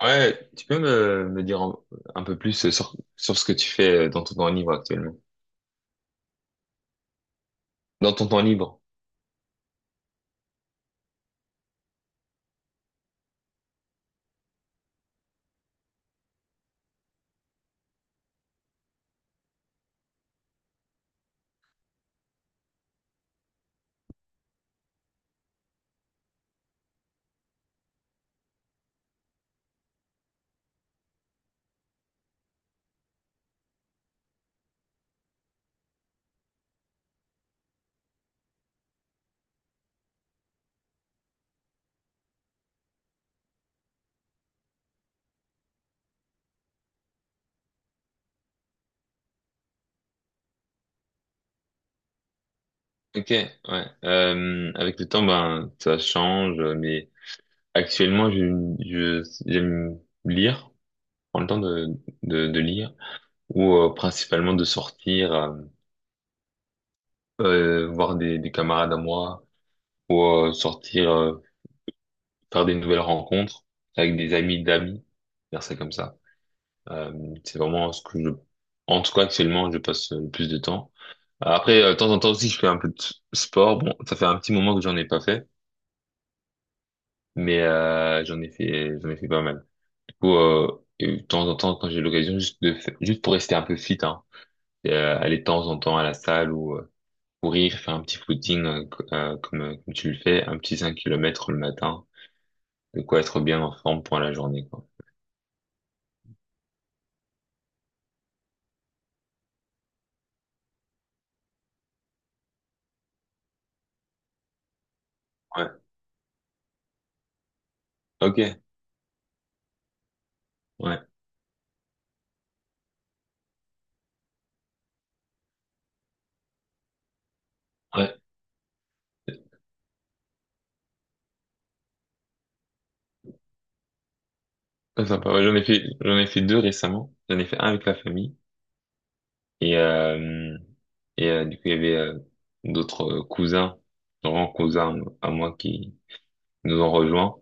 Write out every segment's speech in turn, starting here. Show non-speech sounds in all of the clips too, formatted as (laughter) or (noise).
Ouais, tu peux me dire un peu plus sur ce que tu fais dans ton temps libre actuellement. Dans ton temps libre. Ok, ouais. Avec le temps, ben, ça change, mais actuellement, j'aime lire, prendre le temps de lire, ou principalement de sortir, voir des camarades à moi, ou sortir, faire des nouvelles rencontres avec des amis d'amis, faire ça comme ça. Euh, c'est vraiment ce que je, en tout cas, actuellement, je passe le plus de temps. Après, de temps en temps aussi, je fais un peu de sport. Bon, ça fait un petit moment que j'en ai pas fait, mais j'en ai fait pas mal. Du coup, et de temps en temps, quand j'ai l'occasion, juste pour rester un peu fit, hein, et, aller de temps en temps à la salle ou courir, faire un petit footing comme tu le fais, un petit 5 km le matin, de quoi être bien en forme pour la journée, quoi. Ouais, ok, ouais, ouais, ça, sympa. Ouais, j'en ai fait deux récemment. J'en ai fait un avec la famille. Et, du coup, il y avait d'autres cousins, grands cousins à moi qui nous ont rejoints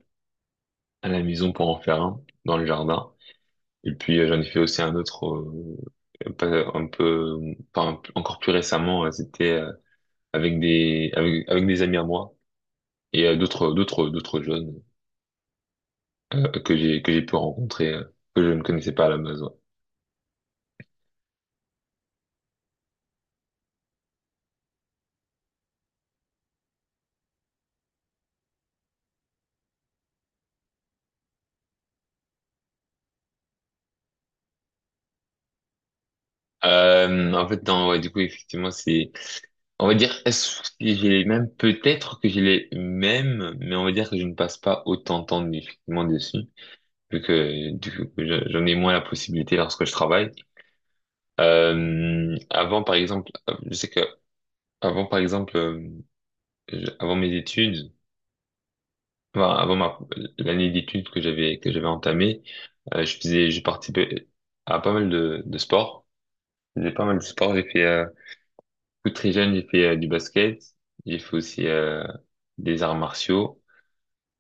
à la maison pour en faire un dans le jardin. Et puis, j'en ai fait aussi un autre, euh, pas- un peu, enfin, encore plus récemment, c'était avec des amis à moi et d'autres jeunes que j'ai pu rencontrer, que je ne connaissais pas à la base. Ouais. En fait, non, ouais, du coup, effectivement, c'est, on va dire, est-ce que j'ai les mêmes? Peut-être que j'ai les mêmes, mais on va dire que je ne passe pas autant de temps, effectivement, dessus, vu que, du coup, j'en ai moins la possibilité lorsque je travaille. Avant, par exemple, je sais que, avant, par exemple, avant mes études, enfin, l'année d'études que j'avais entamée, je participais à pas mal de sports. J'ai pas mal de sports, j'ai fait, tout très jeune, j'ai fait du basket. J'ai fait aussi des arts martiaux.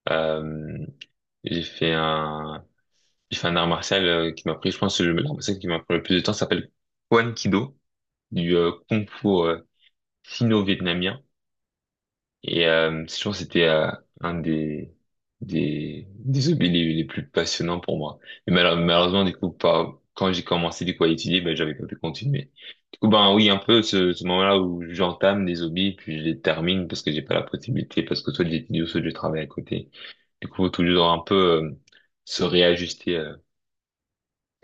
Euh, j'ai fait un, j'ai fait un art martial qui m'a pris, je pense, l'art martial qui m'a pris le plus de temps s'appelle Kwan Kido, du Kung Fu sino-vietnamien. Et je pense que c'était un des hobbies les plus passionnants pour moi. Mais malheureusement, du coup, pas, quand j'ai commencé du coup à étudier, ben, j'avais pas pu continuer. Du coup, ben oui, un peu ce moment-là où j'entame des hobbies, puis je les termine parce que j'ai pas la possibilité, parce que soit j'étudie ou soit je travaille à côté. Du coup, faut toujours un peu euh, se réajuster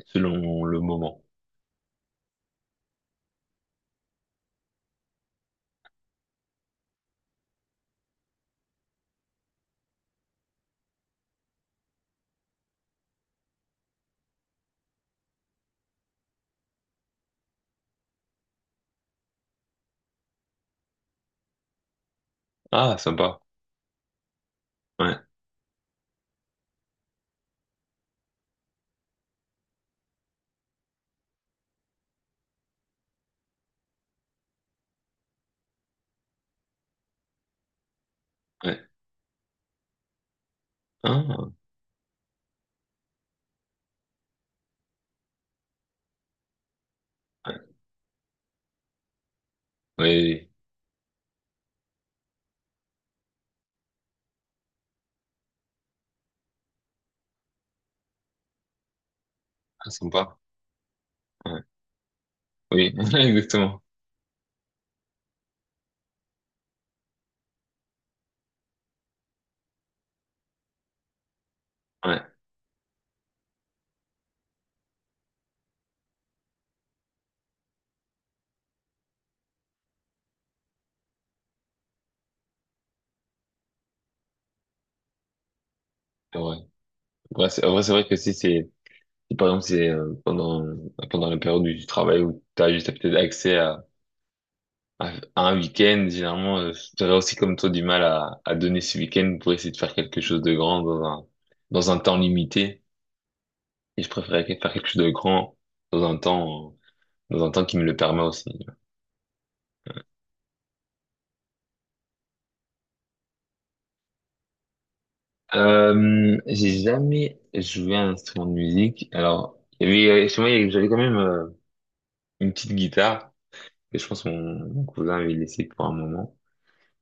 selon le moment. Ah, sympa. Ouais, ouais. Ah, ouais. Oui, oui. Ah, sympa. Ouais. Oui, (laughs) exactement. Ouais. Ouais, c'est, en vrai, c'est vrai que si c'est, si par exemple c'est pendant la période du travail où t'as juste peut-être accès à, à un week-end, généralement, j'aurais aussi comme toi du mal à donner ce week-end pour essayer de faire quelque chose de grand dans un temps limité. Et je préférerais faire quelque chose de grand dans un temps dans un temps qui me le permet aussi. J'ai jamais joué à un instrument de musique. Alors, il y avait, chez moi, j'avais quand même une petite guitare que je pense mon cousin avait laissée pour un moment.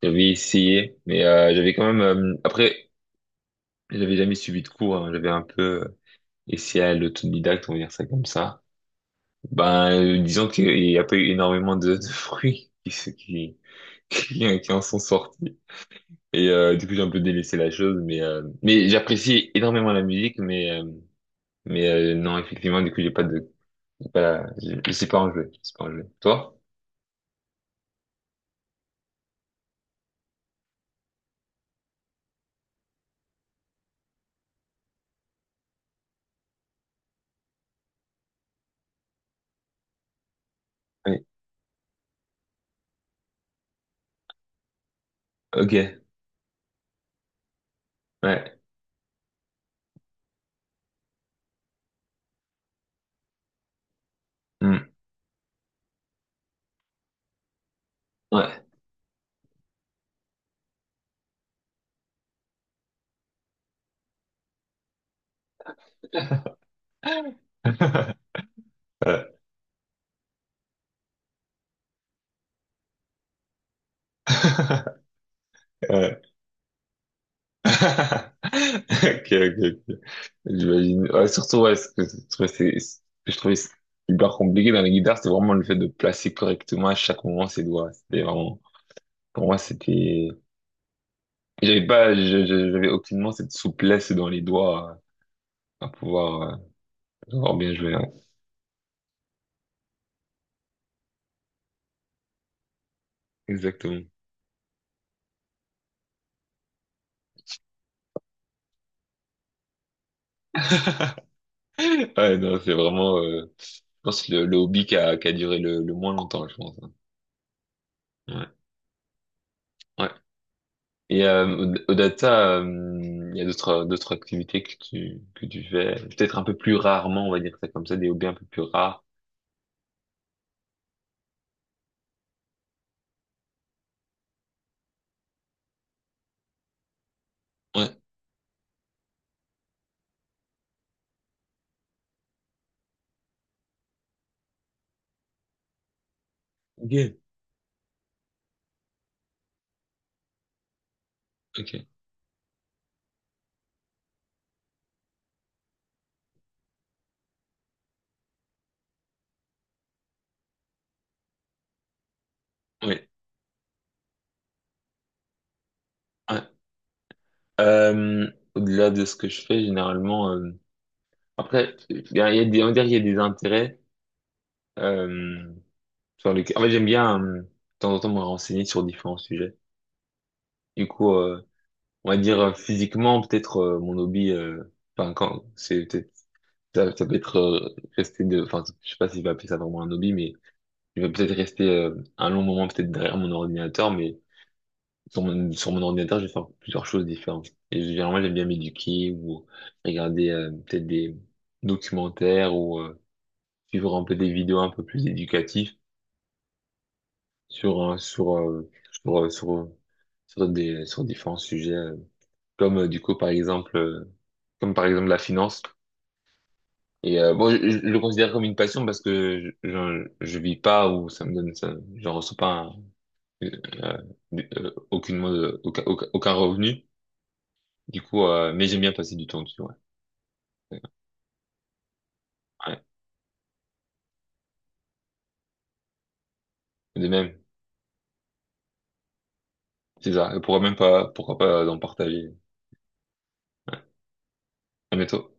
J'avais essayé, mais j'avais quand même. Après, j'avais jamais suivi de cours. Hein. J'avais un peu essayé à l'autodidacte, on va dire ça comme ça. Ben, disons qu'il n'y a pas eu énormément de (laughs) fruits qui, se- qui en sont sortis. Et du coup, j'ai un peu délaissé la chose, mais j'apprécie énormément la musique, non, effectivement, du coup, j'ai pas de, j'ai pas, je sais pas en jouer. Je sais pas en jouer. Toi? Oui. Ok. Ouais. Hmm. Ouais. (laughs) Ouais. (laughs) (laughs) Ok, ok, ok. J'imagine. Ouais, surtout, ouais, ce que je trouvais hyper compliqué dans les guitares c'est vraiment le fait de placer correctement à chaque moment ses doigts. C'était vraiment, pour moi, c'était, j'avais pas, j'avais aucunement cette souplesse dans les doigts à pouvoir, pouvoir bien jouer. Ouais. Exactement. Ouais, non, c'est vraiment, je pense, le hobby qui a duré le moins longtemps, je pense. Hein. Ouais. Ouais. Et au, au data, il y a d'autres activités que tu fais, peut-être un peu plus rarement, on va dire ça comme ça, des hobbies un peu plus rares. Ouais. Ok. Ok. Oui. Ouais. Euh, Au-delà de ce que je fais généralement, après, il y a des, on va dire, il y a des intérêts euh, sur lesquels, en fait, j'aime bien de temps en temps me renseigner sur différents sujets. Du coup, on va dire physiquement, peut-être mon hobby, enfin quand c'est peut-être ça, ça peut être rester de, enfin, je sais pas si je vais appeler ça vraiment un hobby, mais je vais peut-être rester un long moment peut-être derrière mon ordinateur, mais sur mon ordinateur, je vais faire plusieurs choses différentes. Et généralement, j'aime bien m'éduquer ou regarder peut-être des documentaires ou suivre un peu des vidéos un peu plus éducatives sur un- sur sur sur, sur des sur différents sujets, comme du coup par exemple comme par exemple la finance. Et bon, je le considère comme une passion parce que je vis pas ou ça me donne ça, j'en reçois pas un- euh, aucunement de- aucun, aucun, aucun revenu. Du coup, mais j'aime bien passer du temps dessus. Ouais. Ouais. De même, c'est ça. Et pourquoi même pas, pourquoi pas en partager. À bientôt.